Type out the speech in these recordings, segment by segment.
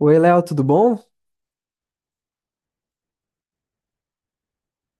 Oi, Léo, tudo bom?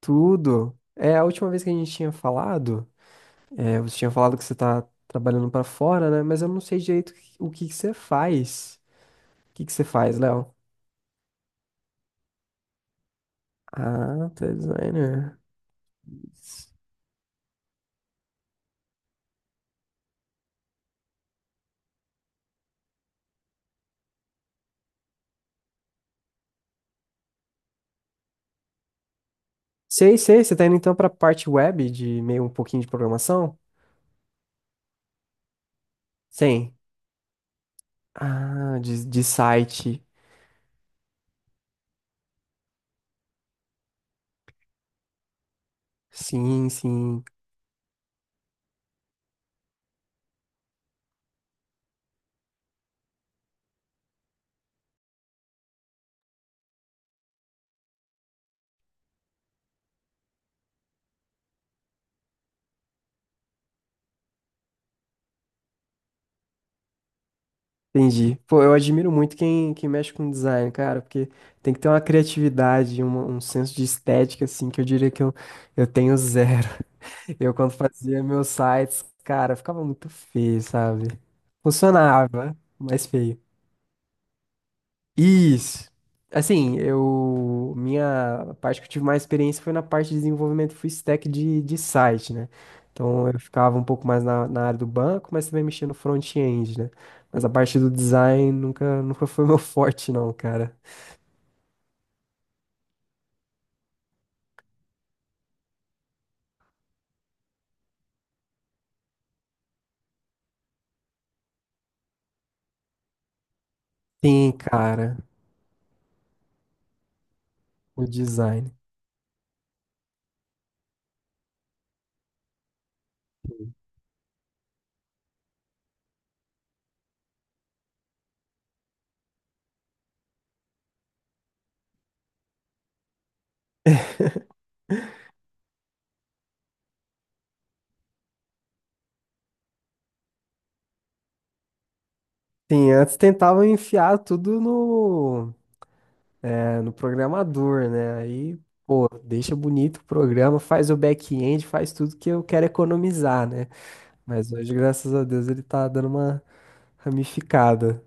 Tudo. A última vez que a gente tinha falado, você tinha falado que você tá trabalhando pra fora, né? Mas eu não sei direito o que que você faz. O que que você faz, Léo? Ah, tá designer. Sei, sei, você tá indo então pra parte web de meio um pouquinho de programação? Sim. Ah, de site. Sim, sim. Entendi. Pô, eu admiro muito quem mexe com design, cara, porque tem que ter uma criatividade, um senso de estética, assim, que eu diria eu tenho zero. Eu, quando fazia meus sites, cara, ficava muito feio, sabe? Funcionava, mas feio. Isso. Assim, eu. Minha parte que eu tive mais experiência foi na parte de desenvolvimento full stack de site, né? Então eu ficava um pouco mais na, na área do banco, mas também mexia no front-end, né? Mas a parte do design nunca, nunca foi meu forte, não, cara. Sim, cara, o design. Sim, antes tentavam enfiar tudo no, no programador, né? Aí, pô, deixa bonito o programa, faz o back-end, faz tudo que eu quero economizar, né? Mas hoje, graças a Deus, ele tá dando uma ramificada.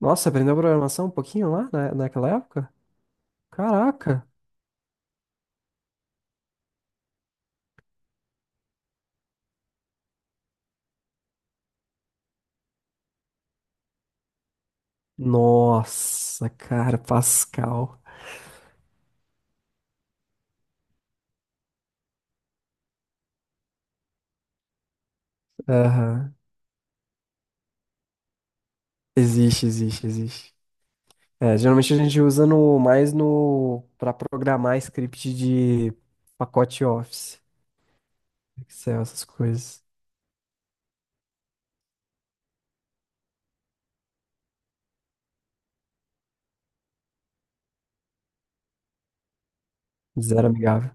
Nossa, aprendeu programação um pouquinho lá na, naquela época? Caraca! Nossa, cara, Pascal. Aham. Existe, existe, existe. É, geralmente a gente usa no, mais no, para programar script de pacote Office, Excel, essas coisas. Zero amigável.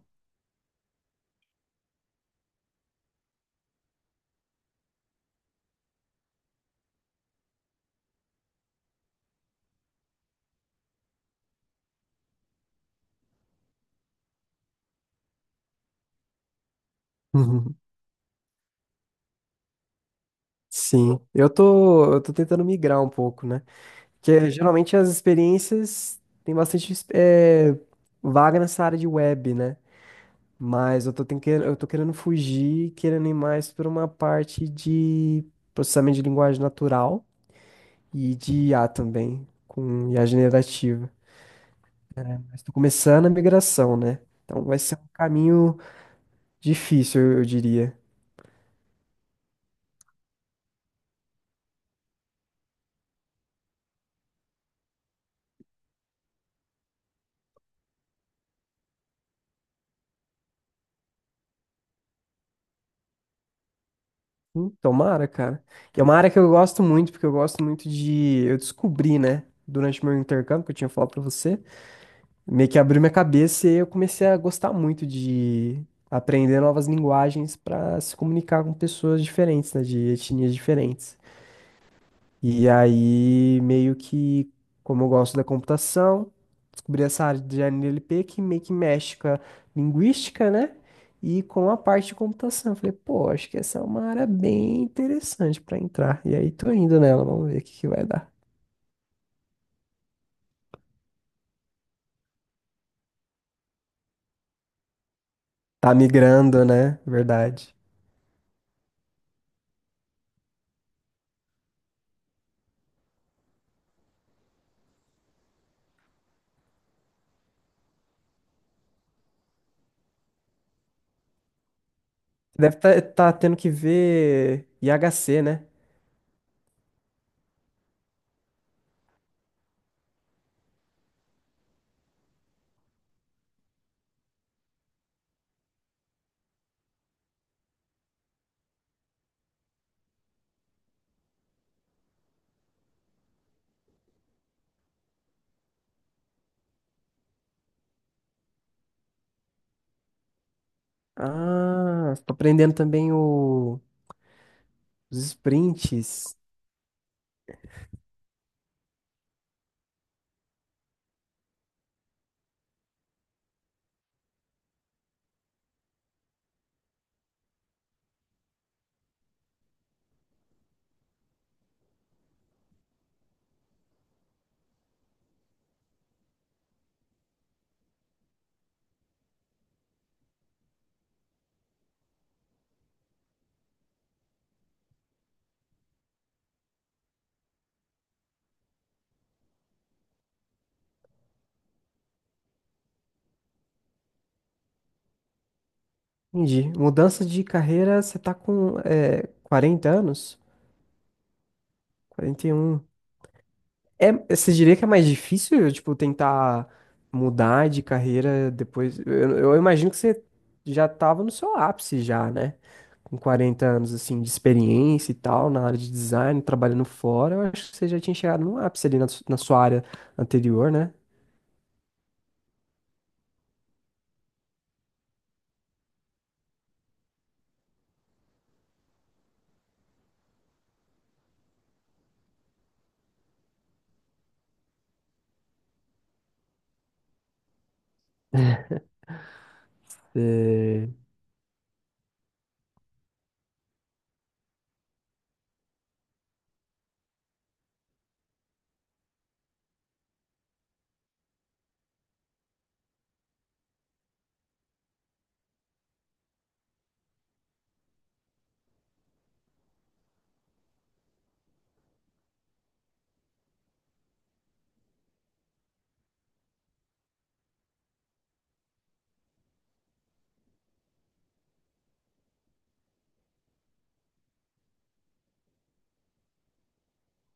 Sim. Eu tô tentando migrar um pouco, né? Porque geralmente as experiências têm bastante vaga nessa área de web, né? Mas eu tô, eu tô querendo fugir, querendo ir mais para uma parte de processamento de linguagem natural e de IA também, com IA generativa. Mas tô começando a migração, né? Então vai ser um caminho difícil, eu diria. Tomara, cara. Que é uma área que eu gosto muito, porque eu gosto muito de. Eu descobri, né, durante meu intercâmbio, que eu tinha falado pra você. Meio que abriu minha cabeça e eu comecei a gostar muito de aprender novas linguagens para se comunicar com pessoas diferentes, né, de etnias diferentes. E aí, meio que, como eu gosto da computação, descobri essa área de NLP que meio que mexe com a linguística, né? E com a parte de computação. Eu falei, pô, acho que essa é uma área bem interessante para entrar. E aí, tô indo nela, vamos ver o que que vai dar. Tá migrando, né? Verdade. Deve estar tendo que ver IHC, né? Ah, tô aprendendo também os sprints. Entendi. Mudança de carreira, você tá com 40 anos? Quarenta e um. É, você diria que é mais difícil, tipo, tentar mudar de carreira depois? Eu imagino que você já tava no seu ápice já, né? Com 40 anos, assim, de experiência e tal, na área de design, trabalhando fora, eu acho que você já tinha chegado no ápice ali na na sua área anterior, né? É,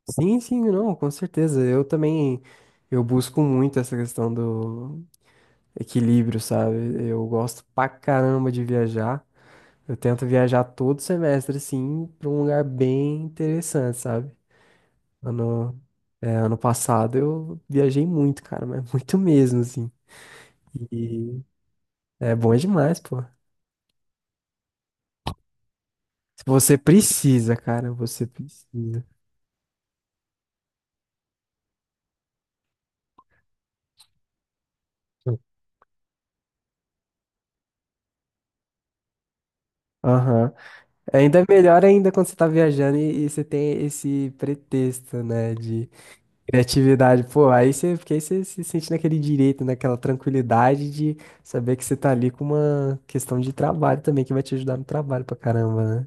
sim, sim, não, com certeza. Eu também, eu busco muito essa questão do equilíbrio, sabe? Eu gosto pra caramba de viajar. Eu tento viajar todo semestre, assim, pra um lugar bem interessante, sabe? Ano, ano passado eu viajei muito, cara, mas muito mesmo, assim. E é bom demais, pô. Se você precisa, cara, você precisa. Aham. Ainda é melhor ainda quando você tá viajando e você tem esse pretexto, né, de criatividade. Pô, aí você, porque aí você se sente naquele direito, naquela tranquilidade de saber que você tá ali com uma questão de trabalho também, que vai te ajudar no trabalho pra caramba, né?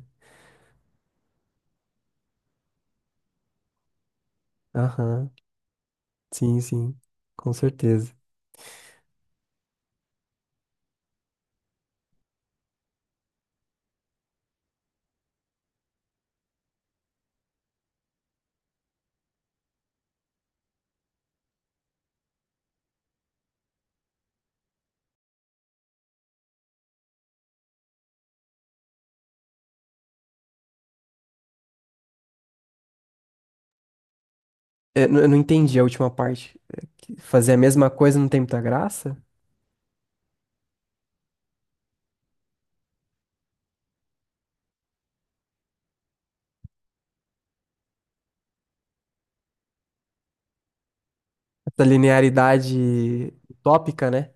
Aham, sim, sim, com certeza. É, n- eu não entendi a última parte. É que fazer a mesma coisa não tem muita graça? Essa linearidade utópica, né?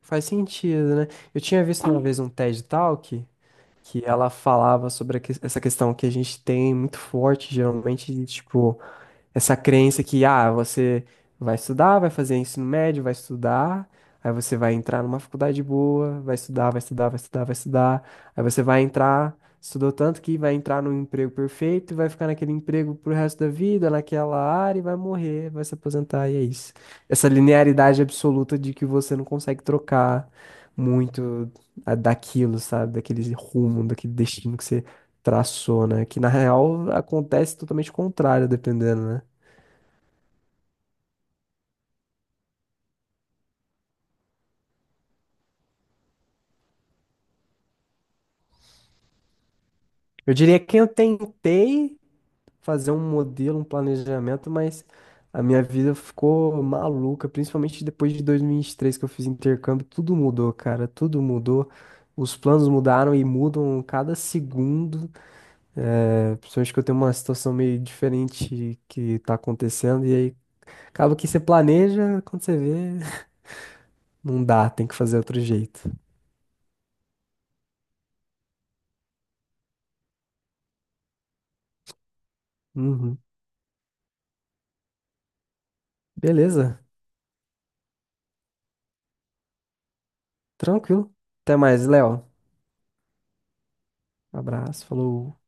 Faz sentido, né? Eu tinha visto uma vez um TED Talk. Que ela falava sobre a essa questão que a gente tem muito forte, geralmente, de, tipo, essa crença que, ah, você vai estudar, vai fazer ensino médio, vai estudar, aí você vai entrar numa faculdade boa, vai estudar, aí você vai entrar, estudou tanto que vai entrar num emprego perfeito e vai ficar naquele emprego pro resto da vida, naquela área e vai morrer, vai se aposentar e é isso. Essa linearidade absoluta de que você não consegue trocar muito daquilo, sabe? Daquele rumo, daquele destino que você traçou, né? Que na real acontece totalmente o contrário, dependendo, né? Eu diria que eu tentei fazer um modelo, um planejamento, mas a minha vida ficou maluca, principalmente depois de 2023 que eu fiz intercâmbio, tudo mudou, cara, tudo mudou. Os planos mudaram e mudam cada segundo, principalmente que eu tenho uma situação meio diferente que tá acontecendo, e aí acaba que você planeja, quando você vê, não dá, tem que fazer outro jeito. Uhum. Beleza, tranquilo. Até mais, Léo. Abraço, falou.